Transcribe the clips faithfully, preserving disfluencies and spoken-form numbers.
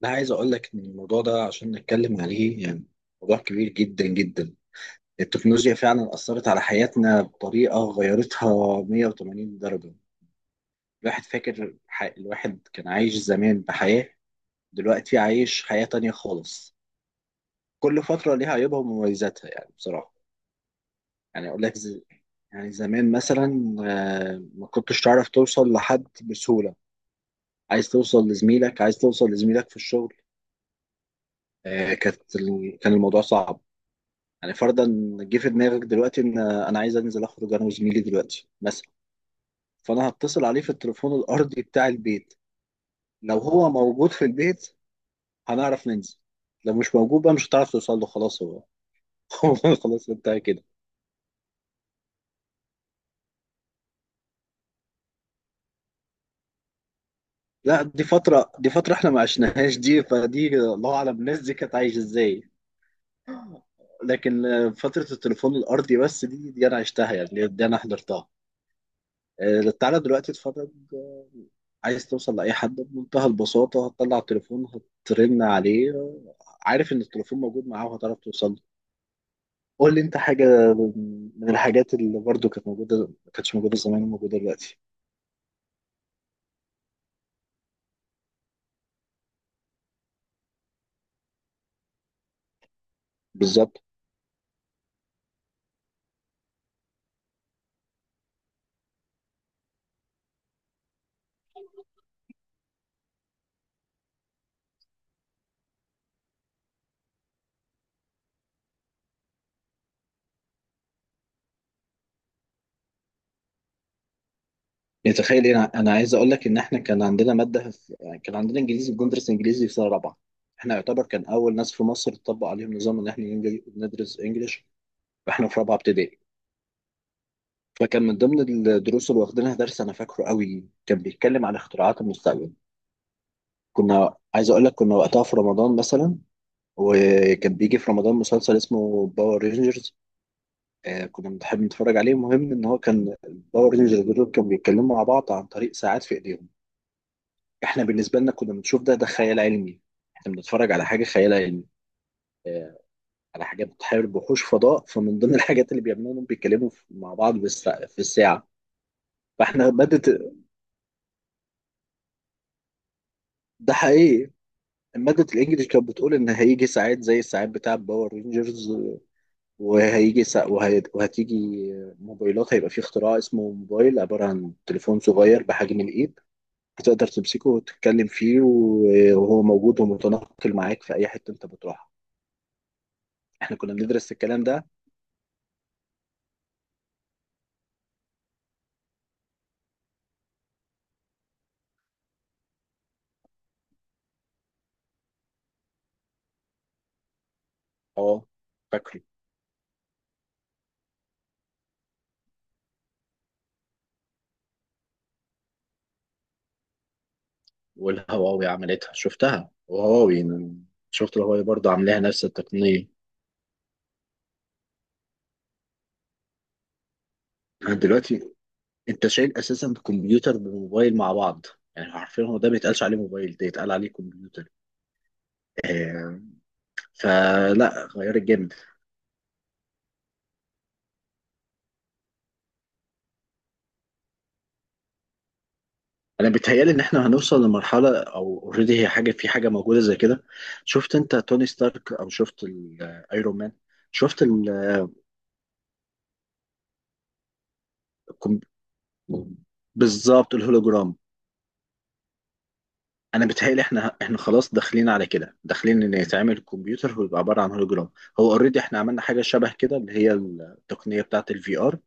لا، عايز اقول لك ان الموضوع ده عشان نتكلم عليه يعني موضوع كبير جدا جدا. التكنولوجيا فعلا اثرت على حياتنا بطريقه غيرتها مية وتمانين درجه. الواحد فاكر ح... الواحد كان عايش زمان بحياه. دلوقتي عايش حياه تانية خالص. كل فتره ليها عيوبها ومميزاتها، يعني بصراحه. يعني اقول لك ز... يعني زمان مثلا، آه، ما كنتش تعرف توصل لحد بسهوله. عايز توصل لزميلك عايز توصل لزميلك في الشغل. آه، كانت ال- كان الموضوع صعب. يعني فرضا جه في دماغك دلوقتي ان انا عايز انزل اخرج انا وزميلي دلوقتي مثلا، فانا هتصل عليه في التليفون الارضي بتاع البيت. لو هو موجود في البيت هنعرف ننزل. لو مش موجود بقى مش هتعرف توصل له، خلاص هو هو خلاص انتهى كده. لا، دي فترة دي فترة احنا ما عشناهاش دي، فدي الله اعلم الناس دي كانت عايشة ازاي. لكن فترة التليفون الأرضي بس دي دي أنا عشتها يعني، دي أنا حضرتها. آه، تعالى دلوقتي اتفرج. عايز توصل لأي حد بمنتهى البساطة هتطلع التليفون، هترن عليه. عارف إن التليفون موجود معاه وهتعرف توصل له. قول لي أنت حاجة من الحاجات اللي برضو كانت موجودة، ما كانتش موجودة زمان وموجودة دلوقتي. بالظبط. يعني تخيل إيه، أنا أنا عايز أقول لك إن إحنا كان عندنا مادة في... يعني كان عندنا إنجليزي، بندرس إنجليزي في سنة رابعة. إحنا يعتبر كان أول ناس في مصر تطبق عليهم نظام إن إحنا إنجلي- ندرس إنجليش وإحنا في رابعة ابتدائي. فكان من ضمن الدروس اللي واخدينها درس أنا فاكره قوي كان بيتكلم عن اختراعات المستقبل. كنا عايز اقول لك كنا وقتها في رمضان مثلا، وكان بيجي في رمضان مسلسل اسمه باور رينجرز. آه، كنا بنحب نتفرج عليه. المهم ان هو كان الباور رينجرز دول كانوا بيتكلموا مع بعض عن طريق ساعات في ايديهم. احنا بالنسبه لنا كنا بنشوف ده ده خيال علمي. احنا بنتفرج على حاجه خيال علمي، على حاجه بتحارب وحوش فضاء. فمن ضمن الحاجات اللي بيعملوها انهم بيتكلموا في- مع بعض بالس- في الساعه. فاحنا ماده ده حقيقي. مادة الإنجليش كانت بتقول إن هيجي ساعات زي الساعات بتاع باور رينجرز، وهيجي سا... وهي... وهتيجي موبايلات، هيبقى في اختراع اسمه موبايل عبارة عن تليفون صغير بحجم الإيد بتقدر تمسكه وتتكلم فيه و- وهو موجود ومتنقل معاك في أي حتة أنت بتروحها. إحنا كنا بندرس الكلام ده. أه، فاكره. والهواوي عملتها، شفتها. وهواوي، شفت الهواوي برضه عاملاها نفس التقنية. دلوقتي أنت شايل أساسا كمبيوتر بموبايل مع بعض. يعني عارفين هو ده ما يتقالش عليه موبايل، ده يتقال عليه كمبيوتر. آه، فلا غيرت جامد. انا بيتهيالي ان احنا هنوصل لمرحله، او اوريدي هي حاجه، في حاجه موجوده زي كده. شفت انت توني ستارك؟ او شفت الايرون مان؟ شفت ال الكم- بالظبط، الهولوجرام. انا بيتهيالي احنا احنا خلاص داخلين على كده، داخلين ان يتعمل الكمبيوتر ويبقى عباره عن هولوجرام. هو اوريدي احنا عملنا حاجه شبه كده، اللي هي التقنيه بتاعه الفي ار.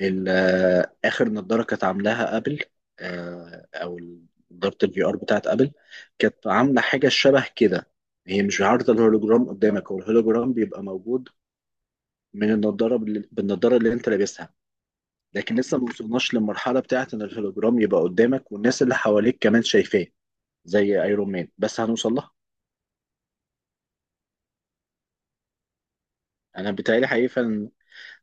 ال- آه، اخر نضاره كانت عاملاها ابل، آه، او نضاره الفي ار بتاعت ابل كانت عامله حاجه شبه كده. هي مش عارضه الهولوجرام قدامك، هو الهولوجرام بيبقى موجود من النضاره، بال- بالنضاره اللي انت لابسها. لكن لسه ما وصلناش للمرحله بتاعت ان الهولوجرام يبقى قدامك والناس اللي حواليك كمان شايفاه زي ايرون مان، بس هنوصل لها. انا بتهيألي حقيقي فعلا.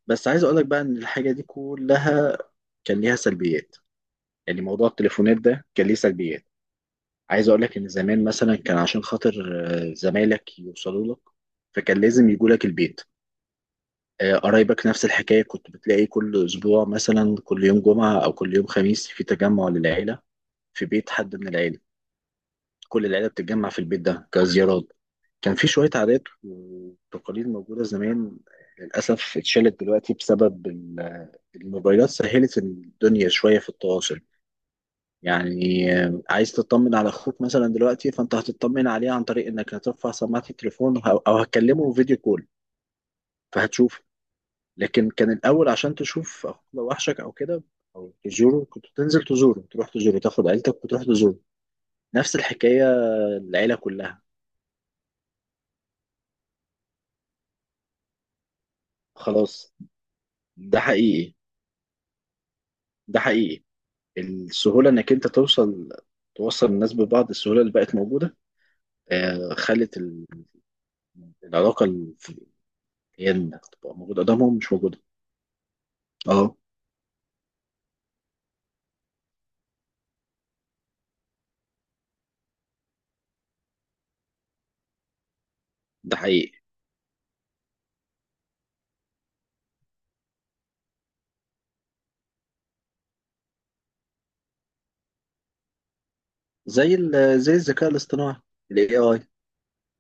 بس عايز اقول لك بقى ان الحاجه دي كلها كان ليها سلبيات. يعني موضوع التليفونات ده كان ليه سلبيات. عايز اقول لك ان زمان مثلا كان عشان خاطر آه، زمايلك يوصلوا لك فكان لازم يجوا لك البيت. آه، قرايبك نفس الحكايه، كنت بتلاقي كل اسبوع مثلا كل يوم جمعه او كل يوم خميس في تجمع للعيله في بيت حد من العيله. كل العيله بتتجمع في البيت ده كزيارات. كان في شويه عادات وتقاليد موجوده زمان، للاسف اتشالت دلوقتي بسبب ال- الموبايلات. سهلت الدنيا شويه في التواصل. يعني آه، عايز تطمن على اخوك مثلا دلوقتي، فانت هتطمن عليه عن طريق انك هترفع سماعة التليفون، او أو هتكلمه فيديو كول فهتشوف. لكن كان الاول عشان تشوف اخوك لو وحشك او كده او تزوره، كنت تنزل تزوره، تروح تزوره، تاخد عيلتك وتروح تزوره. نفس الحكاية، العيلة كلها. خلاص. ده حقيقي، ده حقيقي. السهولة انك انت توصل توصل الناس ببعض، السهولة اللي بقت موجودة آه، خلت ال- العلاقة اللي هي انك تبقى موجود قدامهم مش موجودة. اه، ده حقيقي. زي ال زي الذكاء الاصطناعي، ال ا ي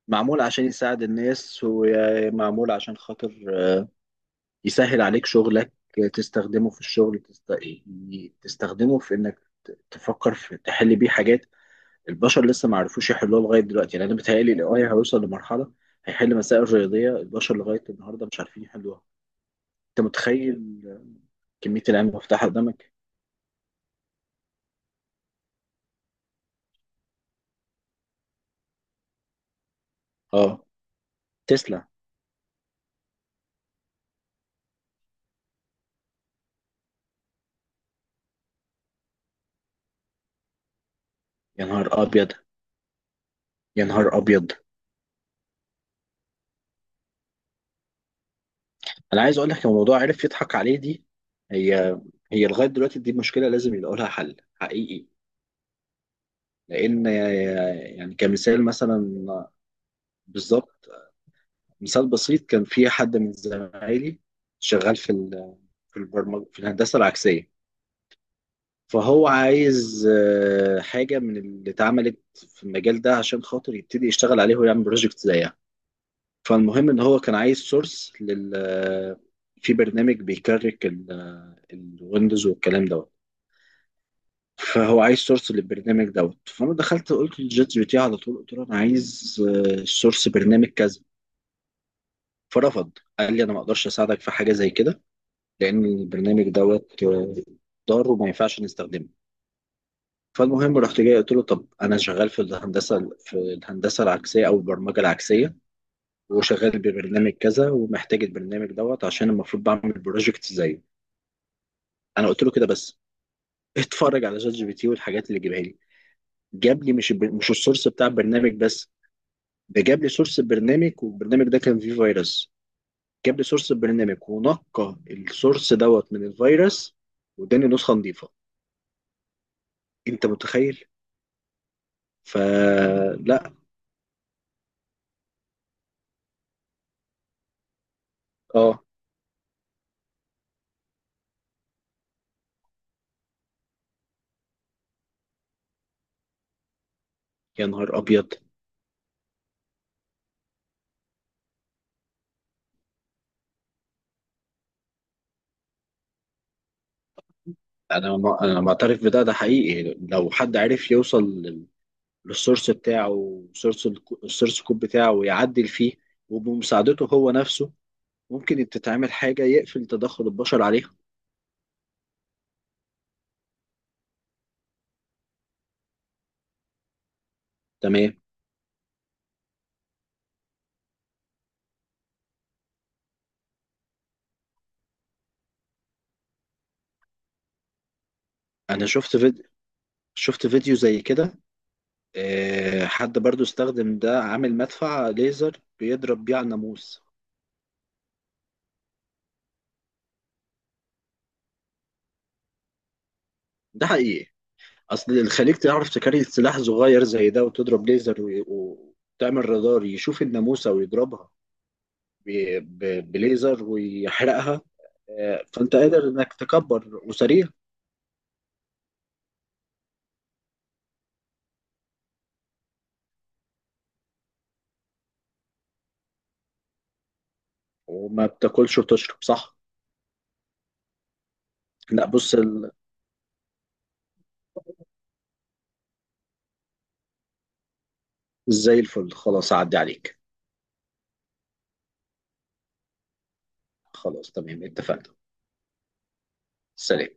معمول عشان يساعد الناس ومعمول عشان خاطر يسهل عليك شغلك. تستخدمه في الشغل، تست... تستخدمه في انك تفكر في تحل بيه حاجات البشر لسه ما عرفوش يحلوها لغاية دلوقتي. يعني انا بيتهيألي ال إيه آي هيوصل لمرحلة هيحل مسائل رياضية البشر لغاية النهاردة مش عارفين يحلوها. انت متخيل؟ كمية العلم المفتوحة قدامك. اه، تسلا. يا نهار ابيض، يا نهار ابيض. انا عايز اقول لك الموضوع عرف يضحك عليه دي، هي هي لغايه دلوقتي دي مشكله لازم يلاقوا لها حل حقيقي لان... يعني كمثال مثلا. بالظبط. مثال بسيط، كان في حد من زمايلي شغال في ال- في البرمجه، في الهندسه العكسيه. فهو عايز آه، حاجه من اللي اتعملت في المجال ده عشان خاطر يبتدي يشتغل عليه ويعمل بروجكت زيها. فالمهم ان هو كان عايز سورس لل آه، في برنامج بيكرك الويندوز والكلام ده. فهو عايز سورس للبرنامج دوت، فانا دخلت قلت للشات جي بي تي على طول، قلت له انا عايز آه، سورس برنامج كذا. فرفض، قال لي انا ما اقدرش اساعدك في حاجه زي كده لان البرنامج دوت آه، ضار وما ينفعش نستخدمه. فالمهم رحت جاي قلت له، طب انا شغال في الهندسه في الهندسه العكسيه او البرمجه العكسيه، وشغال ببرنامج كذا، ومحتاج البرنامج دوت عشان المفروض بعمل بروجكت زيه. انا قلت له كده بس. اتفرج على شات جي بي تي والحاجات اللي جايبها لي. جاب لي مش الب- مش السورس بتاع البرنامج بس، ده جاب لي سورس البرنامج، والبرنامج ده كان فيه فيروس. جاب لي سورس البرنامج ونقى السورس دوت من الفيروس واداني نسخة نظيفة. انت متخيل؟ فلا. اه، يا نهار ابيض. انا ما... انا معترف بده. ده حقيقي لو حد عرف يوصل لل- للسورس بتاعه، وسورس الك- السورس كود بتاعه ويعدل فيه وبمساعدته هو نفسه، ممكن تتعمل حاجة يقفل تدخل البشر عليها. تمام. انا شفت فيديو شفت فيديو زي كده. آه، حد برضو استخدم ده عامل مدفع ليزر بيضرب بيه على الناموس. ده حقيقي. اصل الخليج تعرف تكري سلاح صغير زي ده، وتضرب ليزر و- وتعمل رادار يشوف الناموسة ويضربها ب- ب- بليزر ويحرقها. آه، فانت قادر انك تكبر وسريع وما بتاكلش وتشرب صح. لا بص ال- زي الفل خلاص عدي عليك. خلاص تمام، اتفقنا. سلام.